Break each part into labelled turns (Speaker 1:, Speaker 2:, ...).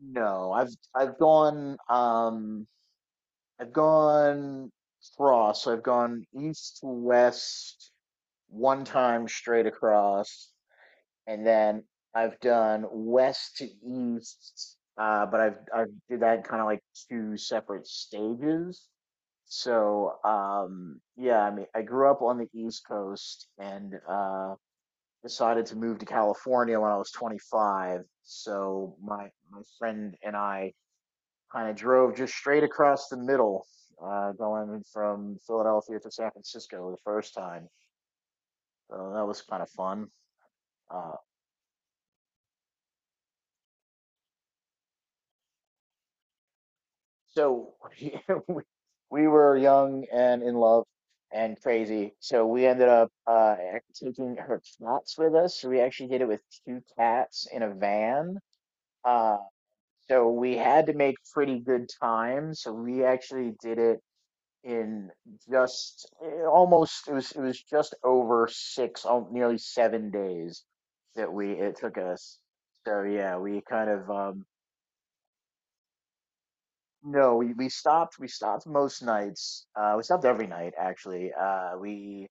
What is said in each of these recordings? Speaker 1: No, I've gone cross. So I've gone east to west one time straight across, and then I've done west to east. But I've did that kind of like two separate stages. So, yeah, I mean I grew up on the East Coast and decided to move to California when I was 25. So my friend and I drove just straight across the middle, going from Philadelphia to San Francisco the first time. So that was kind of fun. Uh, so we we were young and in love and crazy. So we ended up taking her cats with us. So we actually did it with two cats in a van. Uh, so we had to make pretty good time. So we actually did it in just almost it was just over six, nearly 7 days that we it took us. So yeah, we kind of no, we stopped most nights. We stopped every night actually. We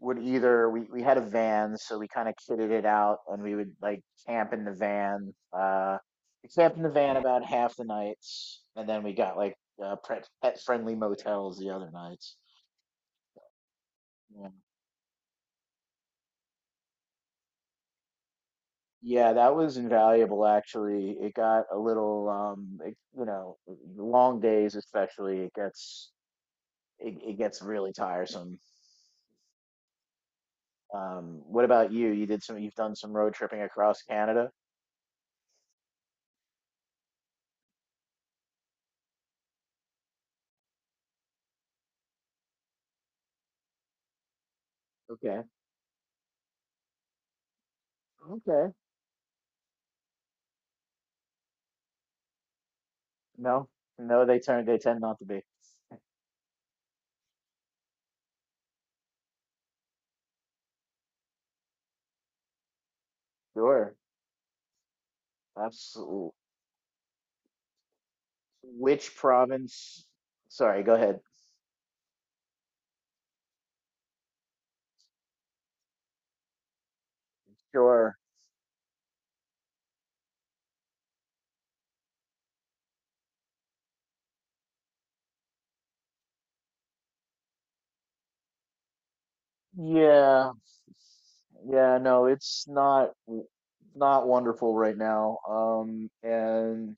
Speaker 1: would either, we had a van, so we kind of kitted it out and we would like camp in the van. We camped in the van about half the nights, and then we got like pet friendly motels the other nights. Yeah, that was invaluable actually. It got a little long days especially, it gets it gets really tiresome. What about you? You did some You've done some road tripping across Canada? Okay. Okay. No. No, they tend not to be. Sure. Absolutely. Which province? Sorry, go ahead. Sure. Yeah. Yeah, no, it's not wonderful right now. And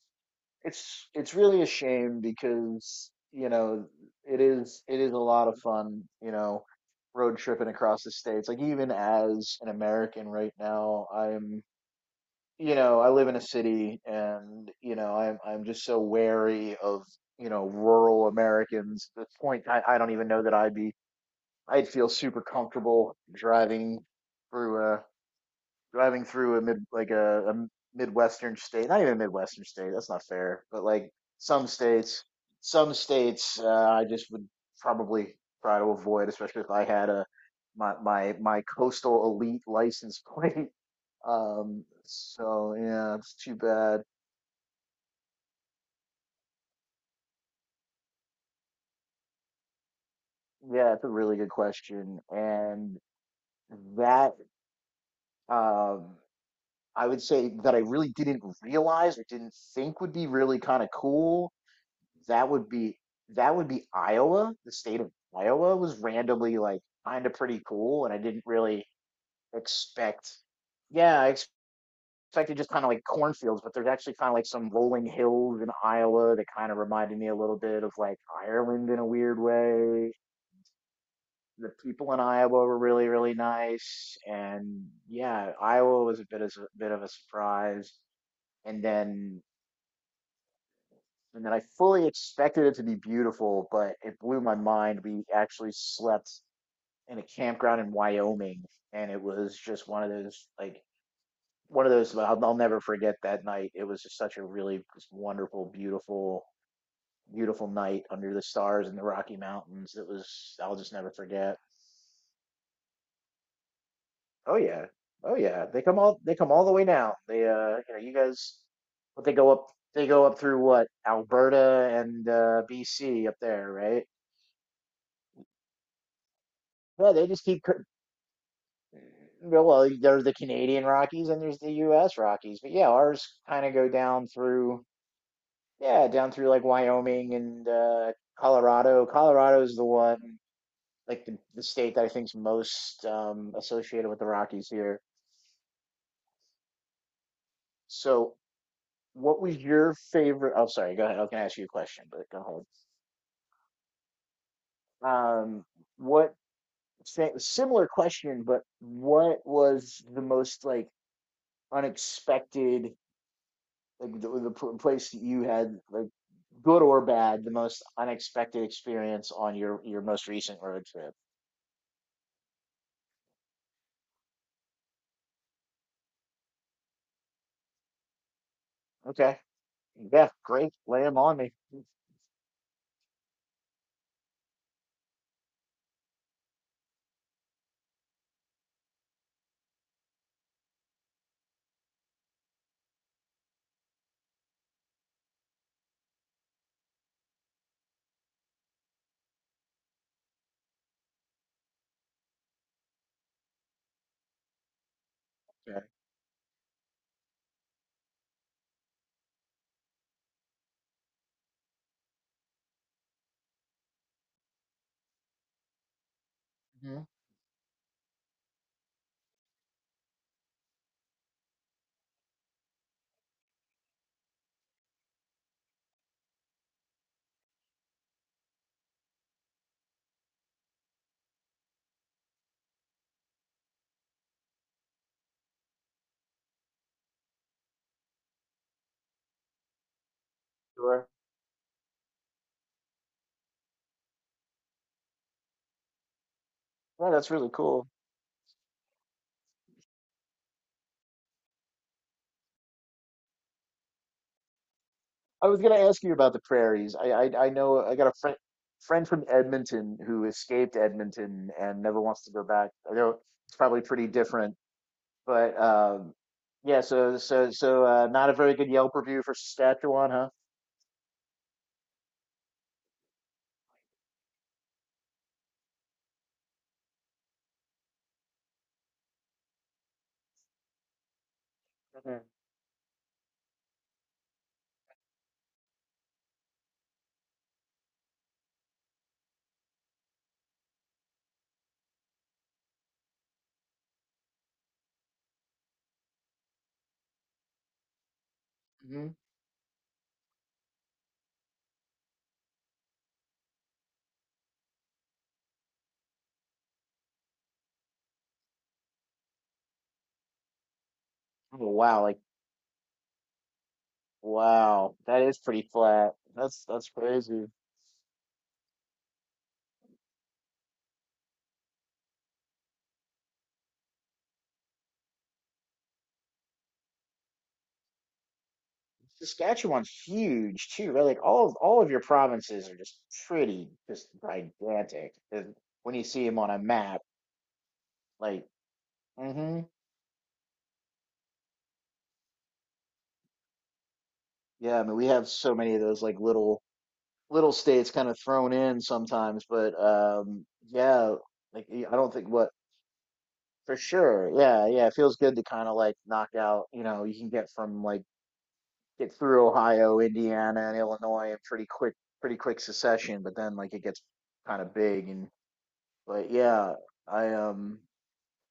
Speaker 1: it's really a shame because it is a lot of fun, road tripping across the states, like even as an American right now. I'm you know i live in a city, and I'm just so wary of, rural Americans at this point. I don't even know that I'd feel super comfortable driving through a mid like a midwestern state. Not even a midwestern state, that's not fair, but like some states some states, I just would probably try to avoid, especially if I had my coastal elite license plate. So yeah, it's too bad. Yeah, it's a really good question, and that um I would say that I really didn't realize or didn't think would be really kind of cool. That would be that would be Iowa. The state of Iowa was randomly like kind of pretty cool, and I didn't really expect. Yeah, I expected just kind of like cornfields, but there's actually kind of like some rolling hills in Iowa that kind of reminded me a little bit of like Ireland in a weird way. The people in Iowa were really, really nice, and yeah, Iowa was a bit of a surprise. And then and then I fully expected it to be beautiful, but it blew my mind. We actually slept in a campground in Wyoming, and it was just one of those, like, one of those I'll never forget that night. It was just such a really just wonderful, beautiful, beautiful night under the stars in the Rocky Mountains. It was I'll just never forget. Oh yeah, oh yeah. They come all the way now. They, you guys, but they go up through, what, Alberta and BC up there, right? No, they just keep c- Well, there's the Canadian Rockies and there's the U.S. Rockies, but yeah, ours kind of go down through, yeah, down through like Wyoming and Colorado. Colorado is the one, like the state that I think's most associated with the Rockies here. So, what was your favorite? Oh, sorry, go ahead. I can ask you a question, but go ahead. What, similar question, but what was the most like unexpected? Like the place that you had, like, good or bad, the most unexpected experience on your most recent road trip. Okay. Yeah, great. Lay them on me. Okay. Hmm. Sure. Yeah, that's really cool. I was going to ask you about the prairies. I know I got a friend from Edmonton who escaped Edmonton and never wants to go back. I know it's probably pretty different, but yeah. So, not a very good Yelp review for Saskatchewan, huh? Mhm. Mhm. Oh, wow, wow, that is pretty flat. That's crazy. Saskatchewan's huge too, right? Like all of your provinces are just pretty, just gigantic. And when you see them on a map, like, mm-hmm. Yeah, I mean we have so many of those, like, little states kind of thrown in sometimes, but yeah, like I don't think what, for sure. Yeah, yeah, it feels good to kind of like knock out, you can get from like get through Ohio, Indiana, and Illinois in pretty quick succession. But then like it gets kind of big, and but yeah, I um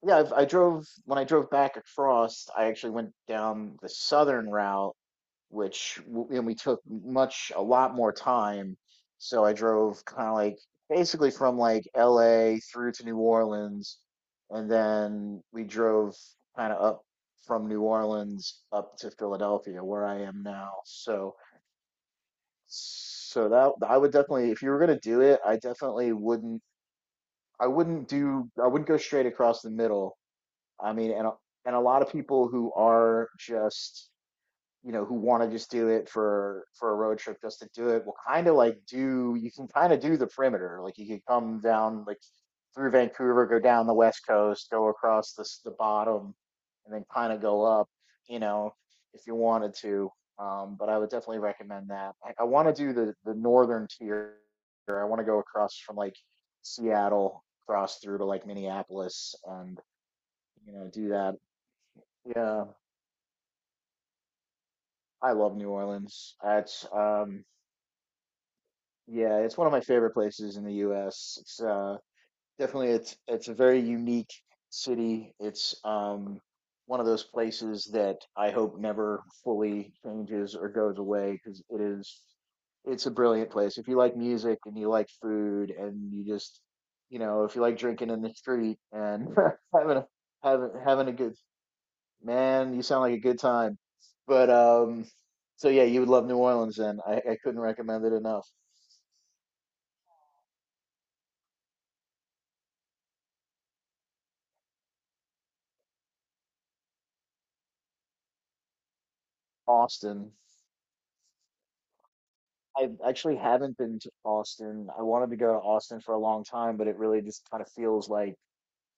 Speaker 1: I drove when I drove back across. I actually went down the southern route, and we took much a lot more time. So I drove kind of like basically from like L.A. through to New Orleans, and then we drove kind of up from New Orleans up to Philadelphia, where I am now. So that I would definitely, if you were gonna do it, I definitely wouldn't. I wouldn't do. I wouldn't go straight across the middle. I mean, and a lot of people who are just, who want to just do it for a road trip just to do it will kind of like do. You can kind of do the perimeter. Like you could come down like through Vancouver, go down the west coast, go across the bottom, and then kind of go up, you know, if you wanted to. But I would definitely recommend that. I want to do the northern tier. I want to go across from like Seattle, cross through to like Minneapolis, and, do that. Yeah, I love New Orleans. It's yeah, it's one of my favorite places in the U.S. It's definitely, it's a very unique city. It's one of those places that I hope never fully changes or goes away, because it's a brilliant place if you like music and you like food, and you just, if you like drinking in the street and having a having a good, man, you sound like a good time. But so yeah, you would love New Orleans, then. I couldn't recommend it enough. Austin. I actually haven't been to Austin. I wanted to go to Austin for a long time, but it really just kind of feels like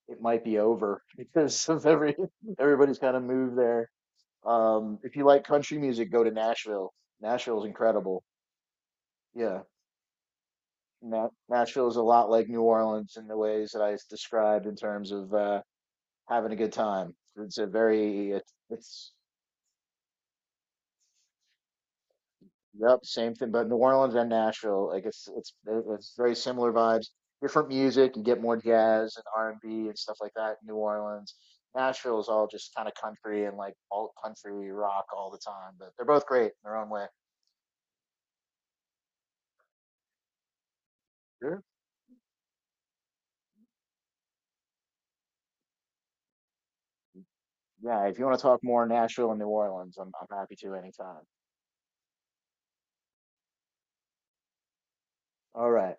Speaker 1: it might be over because of every everybody's kind of moved there. If you like country music, go to Nashville. Nashville's incredible. Yeah, Nashville is a lot like New Orleans in the ways that described, in terms of having a good time. It's a very it's Yep, same thing. But New Orleans and Nashville, like it's very similar vibes. Different music. You get more jazz and R&B and stuff like that in New Orleans. Nashville is all just kind of country and like alt country rock all the time. But they're both great in their own way. Sure. Yeah, if you want to talk more Nashville and New Orleans, I'm happy to anytime. All right.